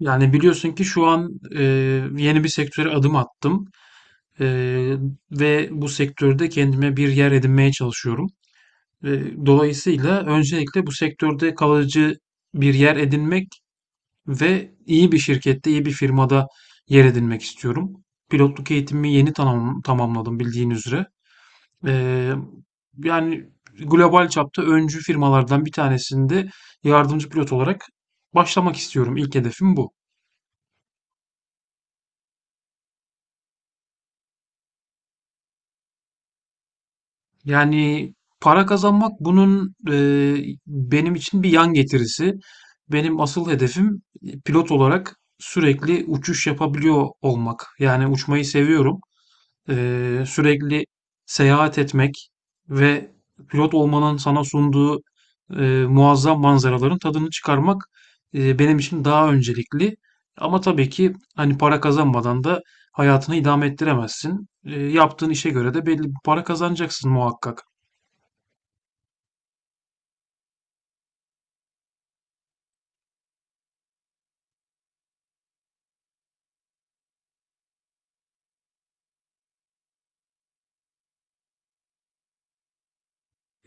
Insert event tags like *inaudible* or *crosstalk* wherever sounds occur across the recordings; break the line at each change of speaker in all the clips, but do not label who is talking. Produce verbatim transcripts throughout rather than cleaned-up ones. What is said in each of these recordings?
Yani biliyorsun ki şu an e, yeni bir sektöre adım attım. E, Ve bu sektörde kendime bir yer edinmeye çalışıyorum. E, dolayısıyla öncelikle bu sektörde kalıcı bir yer edinmek ve iyi bir şirkette, iyi bir firmada yer edinmek istiyorum. Pilotluk eğitimimi yeni tamam- tamamladım bildiğin üzere. E, yani global çapta öncü firmalardan bir tanesinde yardımcı pilot olarak başlamak istiyorum. İlk hedefim bu. Yani para kazanmak bunun eee, benim için bir yan getirisi. Benim asıl hedefim e, pilot olarak sürekli uçuş yapabiliyor olmak. Yani uçmayı seviyorum. Eee, sürekli seyahat etmek ve pilot olmanın sana sunduğu eee, muazzam manzaraların tadını çıkarmak eee, benim için daha öncelikli. Ama tabii ki hani para kazanmadan da hayatını idame ettiremezsin. Eee, yaptığın işe göre de belli bir para kazanacaksın muhakkak.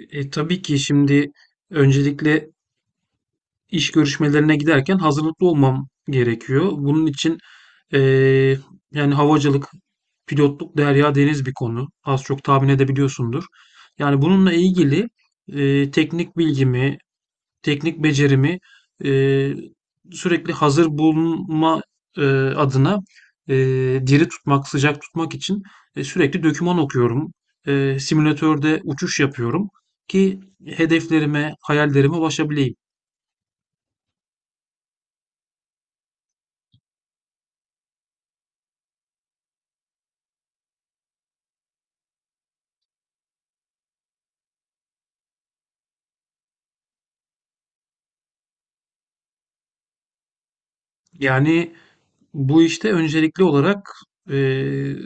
E, tabii ki şimdi öncelikle iş görüşmelerine giderken hazırlıklı olmam gerekiyor. Bunun için e, yani havacılık, pilotluk, derya deniz bir konu. Az çok tahmin edebiliyorsundur. Yani bununla ilgili e, teknik bilgimi, teknik becerimi eee, sürekli hazır bulunma eee, adına eee, diri tutmak, sıcak tutmak için e, sürekli doküman okuyorum. Eee, simülatörde uçuş yapıyorum ki hedeflerime, hayallerime ulaşabileyim. Yani bu işte öncelikli olarak eee,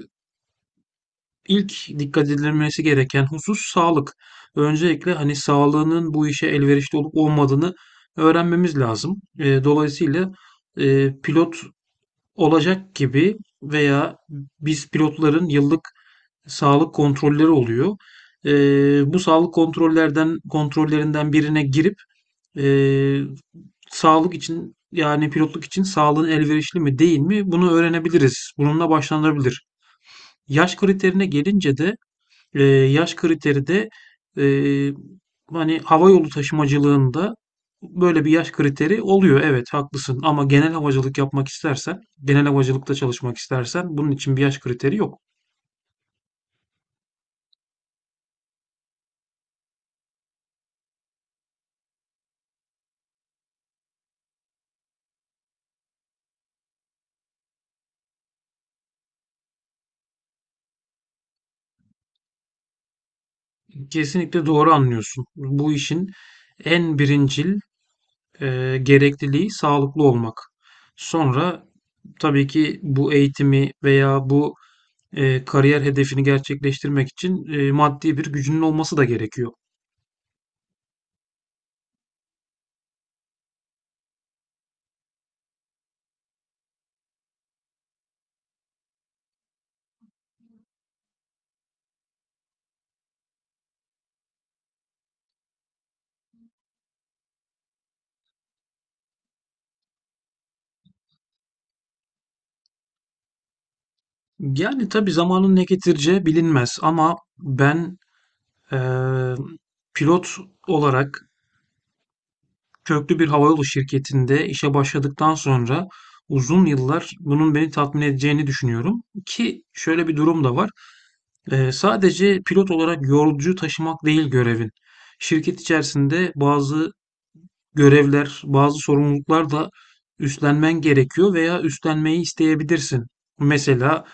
ilk dikkat edilmesi gereken husus sağlık. Öncelikle hani sağlığının bu işe elverişli olup olmadığını öğrenmemiz lazım. Eee, dolayısıyla e, pilot olacak gibi veya biz pilotların yıllık sağlık kontrolleri oluyor. Ee, bu sağlık kontrollerden kontrollerinden birine girip ee, sağlık için yani pilotluk için sağlığın elverişli mi değil mi bunu öğrenebiliriz. Bununla başlanabilir. Yaş kriterine gelince de ee, yaş kriteri de ee, hani hava yolu taşımacılığında böyle bir yaş kriteri oluyor. Evet haklısın ama genel havacılık yapmak istersen, genel havacılıkta çalışmak istersen bunun için bir yaş kriteri yok. Kesinlikle doğru anlıyorsun. Bu işin en birincil e, gerekliliği sağlıklı olmak. Sonra tabii ki bu eğitimi veya bu e, kariyer hedefini gerçekleştirmek için e, maddi bir gücünün olması da gerekiyor. Yani tabii zamanın ne getireceği bilinmez ama ben e, pilot olarak köklü bir havayolu şirketinde işe başladıktan sonra uzun yıllar bunun beni tatmin edeceğini düşünüyorum ki şöyle bir durum da var. Ee, sadece pilot olarak yolcu taşımak değil görevin. Şirket içerisinde bazı görevler, bazı sorumluluklar da üstlenmen gerekiyor veya üstlenmeyi isteyebilirsin. Mesela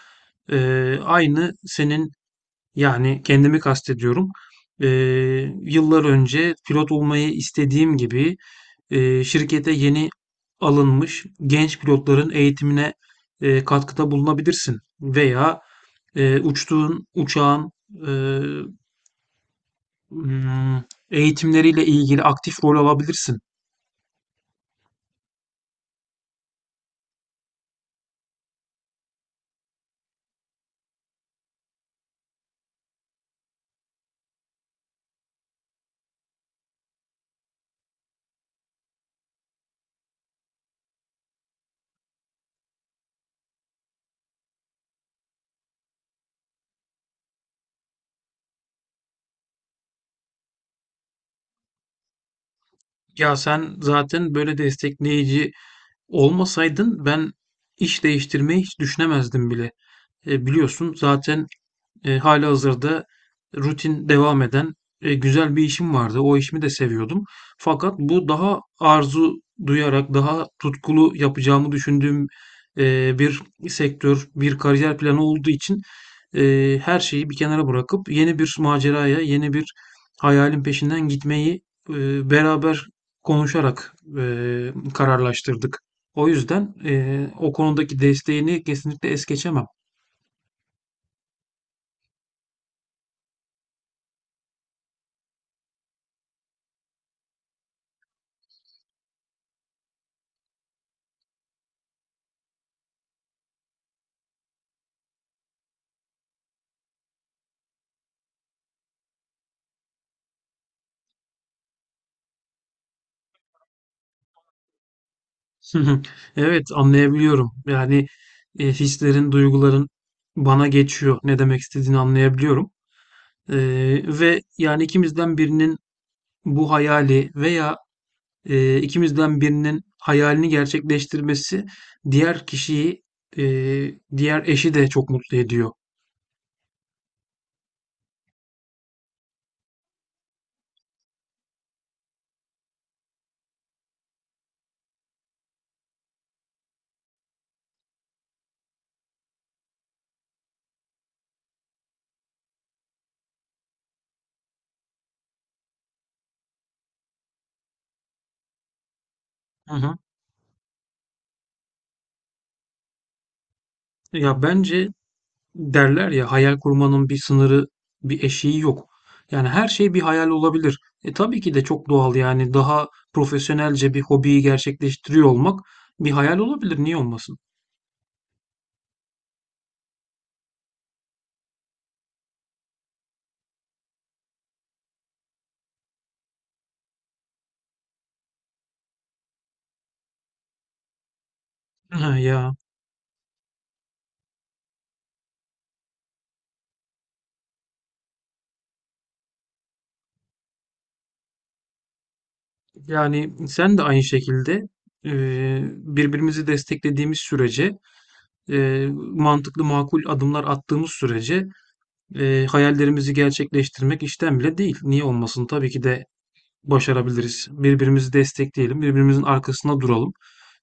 e, aynı senin yani kendimi kastediyorum. E, Yıllar önce pilot olmayı istediğim gibi e, şirkete yeni alınmış genç pilotların eğitimine e, katkıda bulunabilirsin veya e, uçtuğun uçağın e, Hmm, eğitimleriyle ilgili aktif rol alabilirsin. Ya sen zaten böyle destekleyici olmasaydın ben iş değiştirmeyi hiç düşünemezdim bile. E, biliyorsun zaten Eee, halihazırda rutin devam eden, eee, güzel bir işim vardı. O işimi de seviyordum. Fakat bu daha arzu duyarak, daha tutkulu yapacağımı düşündüğüm, eee, bir sektör, bir kariyer planı olduğu için, eee, her şeyi bir kenara bırakıp yeni bir maceraya, yeni bir hayalin peşinden gitmeyi, eee, beraber konuşarak, eee, kararlaştırdık. O yüzden, eee, o konudaki desteğini kesinlikle es geçemem. Hı hı. Evet, anlayabiliyorum. Yani e, hislerin, duyguların bana geçiyor. Ne demek istediğini anlayabiliyorum. E, Ve yani ikimizden birinin bu hayali veya e, ikimizden birinin hayalini gerçekleştirmesi diğer kişiyi, e, diğer eşi de çok mutlu ediyor. Hı hı. Ya bence derler ya hayal kurmanın bir sınırı, bir eşiği yok. Yani her şey bir hayal olabilir. E tabii ki de çok doğal yani daha profesyonelce bir hobiyi gerçekleştiriyor olmak bir hayal olabilir. Niye olmasın? *laughs* Ya. Yani sen de aynı şekilde eee, birbirimizi desteklediğimiz sürece, eee, mantıklı makul adımlar attığımız sürece eee, hayallerimizi gerçekleştirmek işten bile değil. Niye olmasın? Tabii ki de başarabiliriz. Birbirimizi destekleyelim, birbirimizin arkasında duralım.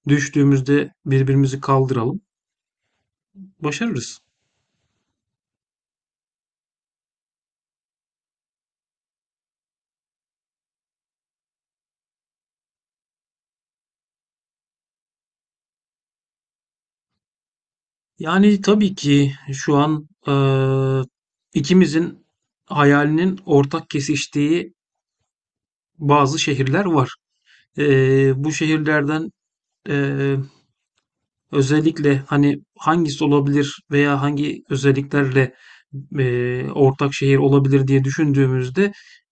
Düştüğümüzde birbirimizi kaldıralım. Başarırız. Yani tabii ki şu an eee, ikimizin hayalinin ortak kesiştiği bazı şehirler var. Eee, bu şehirlerden Eee, özellikle, hani, hangisi olabilir veya hangi özelliklerle, eee, ortak şehir olabilir diye düşündüğümüzde,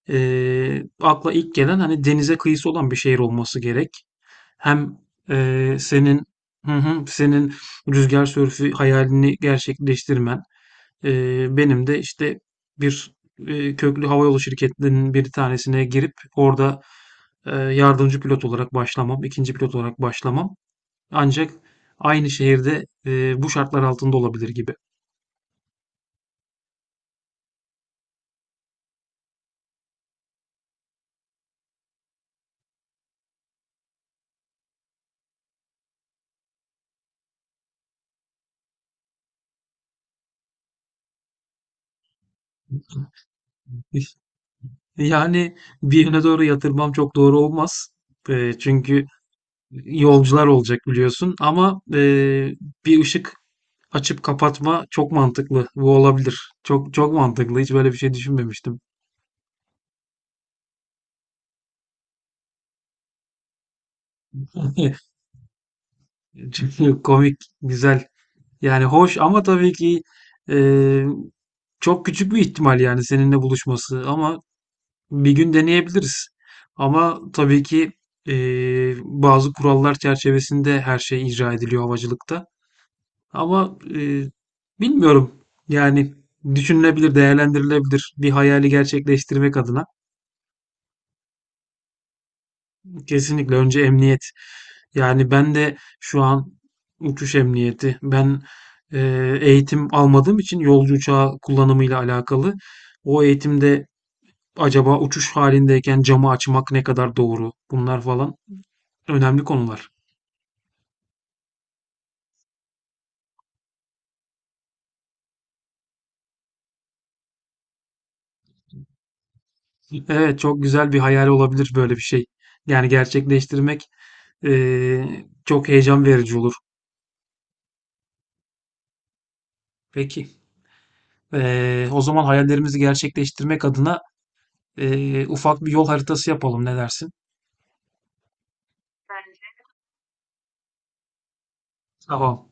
eee, akla ilk gelen, hani, denize kıyısı olan bir şehir olması gerek. Hem, eee, senin Hı hı. Senin rüzgar sörfü hayalini gerçekleştirmen, eee, benim de, işte, bir, eee, köklü havayolu şirketlerinin bir tanesine girip orada, eee, yardımcı pilot olarak başlamam, ikinci pilot olarak başlamam ancak aynı şehirde, eee, bu şartlar altında olabilir gibi. *laughs* Yani, bir yöne doğru yatırmam çok doğru olmaz. Eee, çünkü yolcular olacak biliyorsun ama, eee, bir ışık açıp kapatma çok mantıklı. Bu olabilir. Çok çok mantıklı. Hiç böyle bir şey düşünmemiştim. *laughs* Çünkü komik, güzel. Yani hoş ama tabii ki e, çok küçük bir ihtimal yani seninle buluşması ama bir gün deneyebiliriz. Ama tabii ki e, bazı kurallar çerçevesinde her şey icra ediliyor havacılıkta. Ama e, bilmiyorum yani düşünülebilir, değerlendirilebilir bir hayali gerçekleştirmek adına. Kesinlikle önce emniyet. Yani ben de şu an uçuş emniyeti, ben, eee, eğitim almadığım için yolcu uçağı kullanımıyla alakalı o eğitimde acaba uçuş halindeyken camı açmak ne kadar doğru? Bunlar falan önemli konular. Evet, çok güzel bir hayal olabilir böyle bir şey. Yani gerçekleştirmek, eee, çok heyecan verici olur. Peki, eee, o zaman hayallerimizi gerçekleştirmek adına, eee, ufak bir yol haritası yapalım, ne dersin? Tamam.